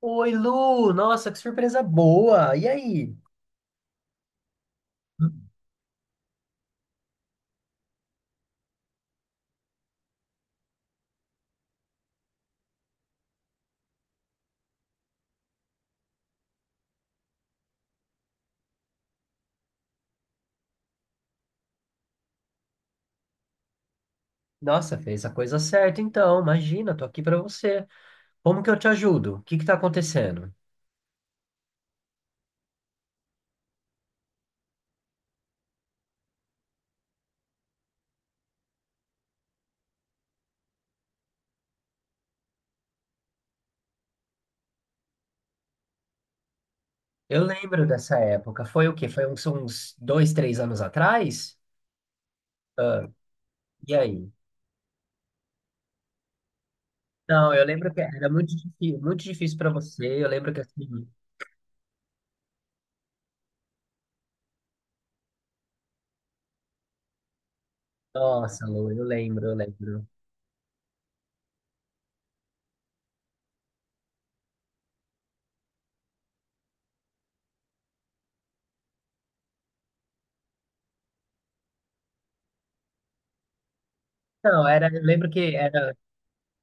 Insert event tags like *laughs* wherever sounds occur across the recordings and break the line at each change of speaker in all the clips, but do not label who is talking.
Oi, Lu! Nossa, que surpresa boa! E aí? Nossa, fez a coisa certa então. Imagina, tô aqui pra você. Como que eu te ajudo? O que que tá acontecendo? Eu lembro dessa época. Foi o quê? Foi uns dois, três anos atrás? Ah, e aí? Não, eu lembro que era muito difícil para você. Eu lembro que assim, nossa, Lu, eu lembro, eu lembro. Não, eu lembro que era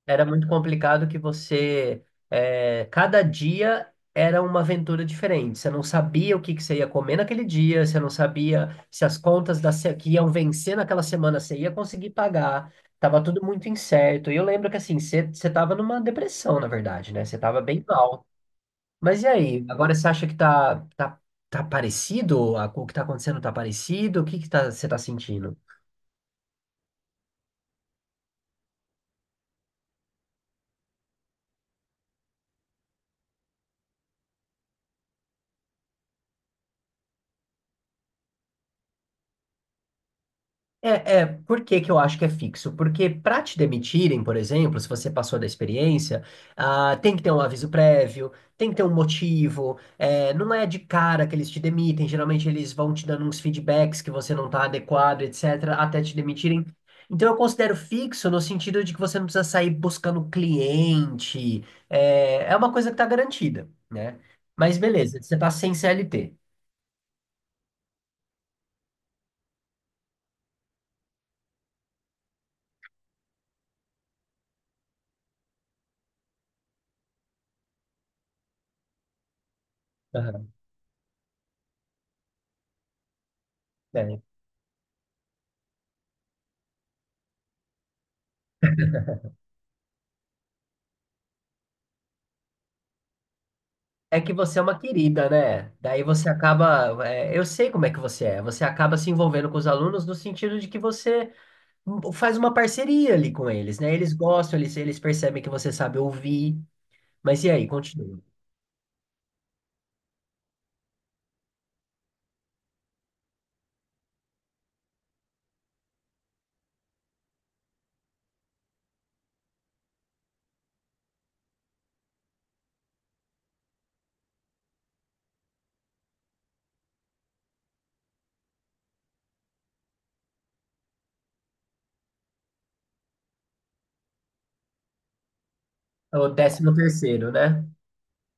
era muito complicado que você cada dia era uma aventura diferente. Você não sabia o que que você ia comer naquele dia, você não sabia se as contas da se- que iam vencer naquela semana você ia conseguir pagar. Tava tudo muito incerto. E eu lembro que assim, você tava numa depressão, na verdade, né? Você tava bem mal. Mas e aí? Agora você acha que tá parecido? O que tá acontecendo tá parecido? O que que tá, você tá sentindo? É, por que que eu acho que é fixo? Porque para te demitirem, por exemplo, se você passou da experiência, ah, tem que ter um aviso prévio, tem que ter um motivo, é, não é de cara que eles te demitem, geralmente eles vão te dando uns feedbacks que você não está adequado, etc., até te demitirem. Então eu considero fixo no sentido de que você não precisa sair buscando cliente, é uma coisa que está garantida, né? Mas beleza, você está sem CLT. Aham. É, É que você é uma querida, né? Daí você acaba. Eu sei como é que você é. Você acaba se envolvendo com os alunos no sentido de que você faz uma parceria ali com eles, né? Eles gostam, eles percebem que você sabe ouvir. Mas e aí, continua. É o décimo terceiro, né?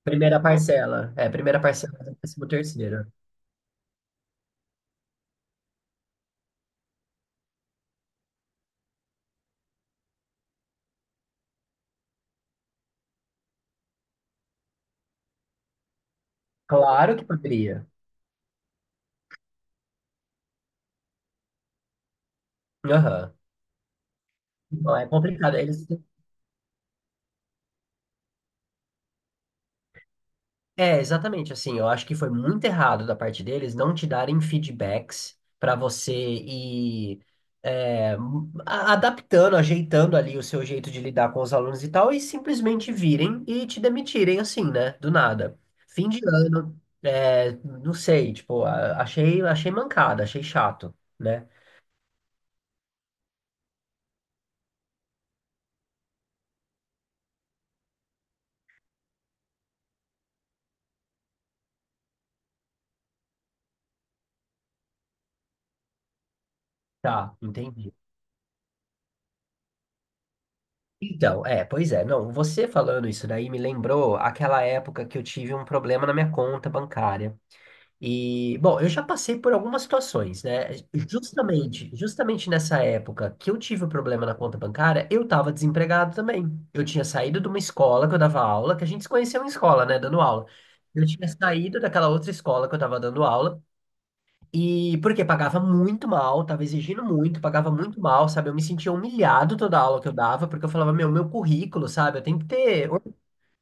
Primeira parcela. É, primeira parcela do décimo terceiro. Claro que poderia. Aham. Não, é complicado. Eles. É, exatamente assim. Eu acho que foi muito errado da parte deles não te darem feedbacks para você ir é, adaptando, ajeitando ali o seu jeito de lidar com os alunos e tal, e simplesmente virem e te demitirem assim, né? Do nada. Fim de ano, é, não sei, tipo, achei, achei mancada, achei chato, né? Tá, entendi. Então, é, pois é, não, você falando isso daí me lembrou aquela época que eu tive um problema na minha conta bancária. E, bom, eu já passei por algumas situações, né? Justamente, nessa época que eu tive o problema na conta bancária, eu estava desempregado também. Eu tinha saído de uma escola que eu dava aula, que a gente se conheceu em escola, né, dando aula. Eu tinha saído daquela outra escola que eu estava dando aula, e porque pagava muito mal, tava exigindo muito, pagava muito mal, sabe? Eu me sentia humilhado toda aula que eu dava, porque eu falava, meu currículo, sabe? Eu tenho que ter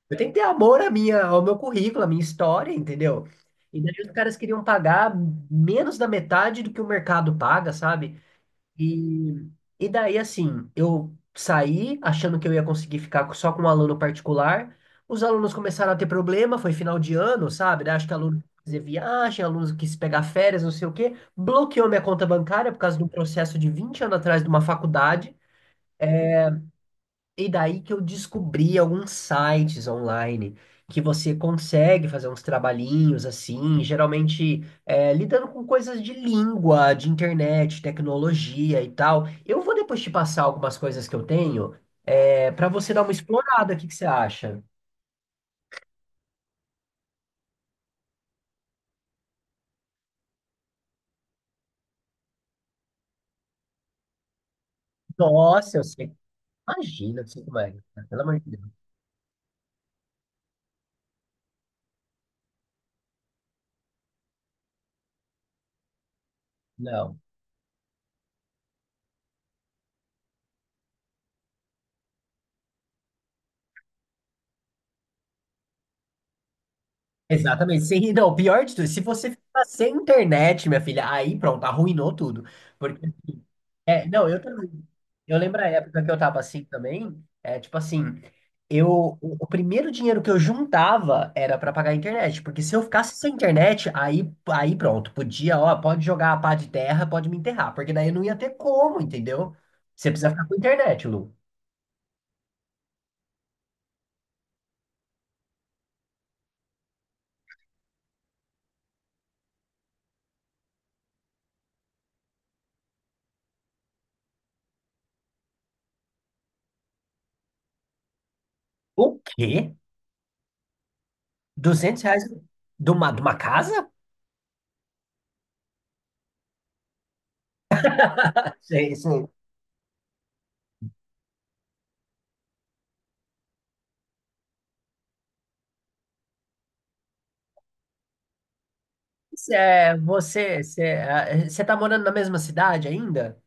eu tenho que ter amor ao meu currículo, à minha história, entendeu? E daí os caras queriam pagar menos da metade do que o mercado paga, sabe? E, e daí, assim, eu saí achando que eu ia conseguir ficar só com um aluno particular. Os alunos começaram a ter problema, foi final de ano, sabe? Daí acho que aluno quis fazer viagem, aluno quis pegar férias, não sei o quê. Bloqueou minha conta bancária por causa de um processo de 20 anos atrás de uma faculdade. E daí que eu descobri alguns sites online que você consegue fazer uns trabalhinhos assim, geralmente lidando com coisas de língua, de internet, tecnologia e tal. Eu vou depois te passar algumas coisas que eu tenho para você dar uma explorada. O que que você acha? Nossa, eu sei. Imagina, eu sei como é. Pelo amor de Deus. Não. Exatamente. Sem, não, pior de tudo, se você ficar sem internet, minha filha, aí pronto, arruinou tudo. É, não, eu também. Eu lembro a época que eu tava assim também, é tipo assim, o primeiro dinheiro que eu juntava era pra pagar a internet, porque se eu ficasse sem internet, aí pronto, podia, ó, pode jogar a pá de terra, pode me enterrar, porque daí não ia ter como, entendeu? Você precisa ficar com internet, Lu. O quê? 200 reais de uma casa? Você, você tá morando na mesma cidade ainda?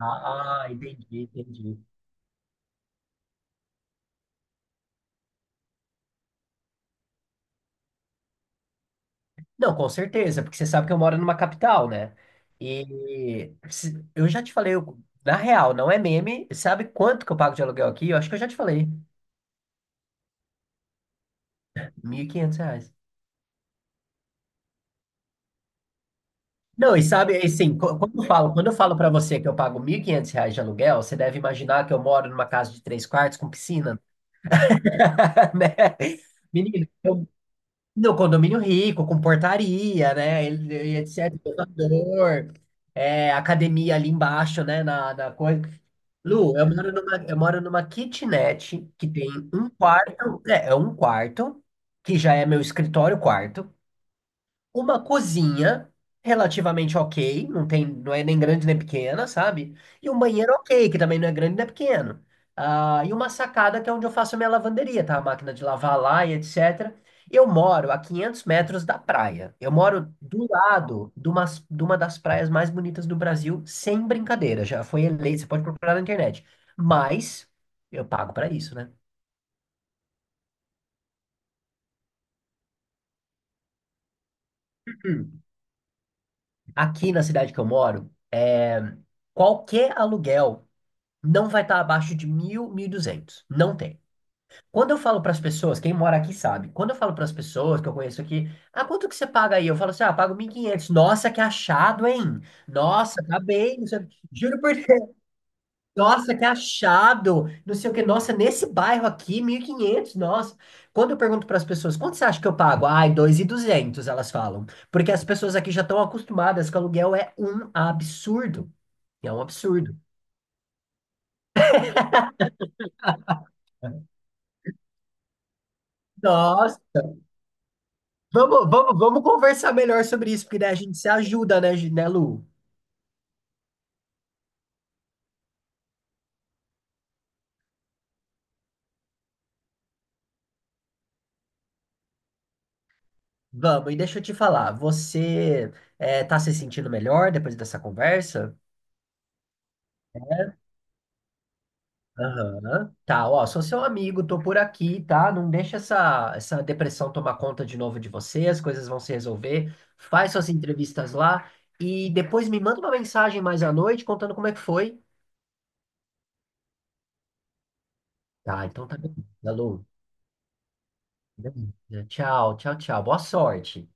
Ah, entendi, entendi. Não, com certeza, porque você sabe que eu moro numa capital, né? Eu já te falei, na real, não é meme, sabe quanto que eu pago de aluguel aqui? Eu acho que eu já te falei, 1.500 reais. Não, e sabe, assim, quando eu falo para você que eu pago 1.500 reais de aluguel, você deve imaginar que eu moro numa casa de três quartos com piscina, *laughs* né? Menino, eu no condomínio rico, com portaria, né? Etc. elevador, academia ali embaixo, né? Na coisa. Lu, eu moro numa kitnet que tem um quarto, é um quarto, que já é meu escritório quarto, uma cozinha relativamente ok, não tem, não é nem grande nem pequena, sabe? E um banheiro ok, que também não é grande nem pequeno. Ah, e uma sacada que é onde eu faço a minha lavanderia, tá? A máquina de lavar lá e etc. Eu moro a 500 metros da praia. Eu moro do lado de uma das praias mais bonitas do Brasil, sem brincadeira. Já foi eleita, você pode procurar na internet. Mas eu pago pra isso, né? Hum. Aqui na cidade que eu moro, qualquer aluguel não vai estar abaixo de 1.000, duzentos. Não tem. Quando eu falo para as pessoas, quem mora aqui sabe, quando eu falo para as pessoas que eu conheço aqui, ah, quanto que você paga aí? Eu falo assim, ah, pago 1.500. Nossa, que achado, hein? Nossa, tá bem, não sei o quê. Juro por Deus. *laughs* Nossa, que achado. Não sei o que. Nossa, nesse bairro aqui, 1.500. Nossa. Quando eu pergunto para as pessoas, quanto você acha que eu pago? Ai, dois e duzentos, elas falam. Porque as pessoas aqui já estão acostumadas que aluguel é um absurdo. É um absurdo. Nossa, vamos conversar melhor sobre isso, porque daí a gente se ajuda, né, né, Lu? Vamos, e deixa eu te falar, você tá se sentindo melhor depois dessa conversa? Aham. Tá, ó, sou seu amigo, tô por aqui, tá? Não deixa essa depressão tomar conta de novo de você, as coisas vão se resolver. Faz suas entrevistas lá e depois me manda uma mensagem mais à noite contando como é que foi. Tá, então tá bem, né, Lu. Tchau, tchau, tchau. Boa sorte.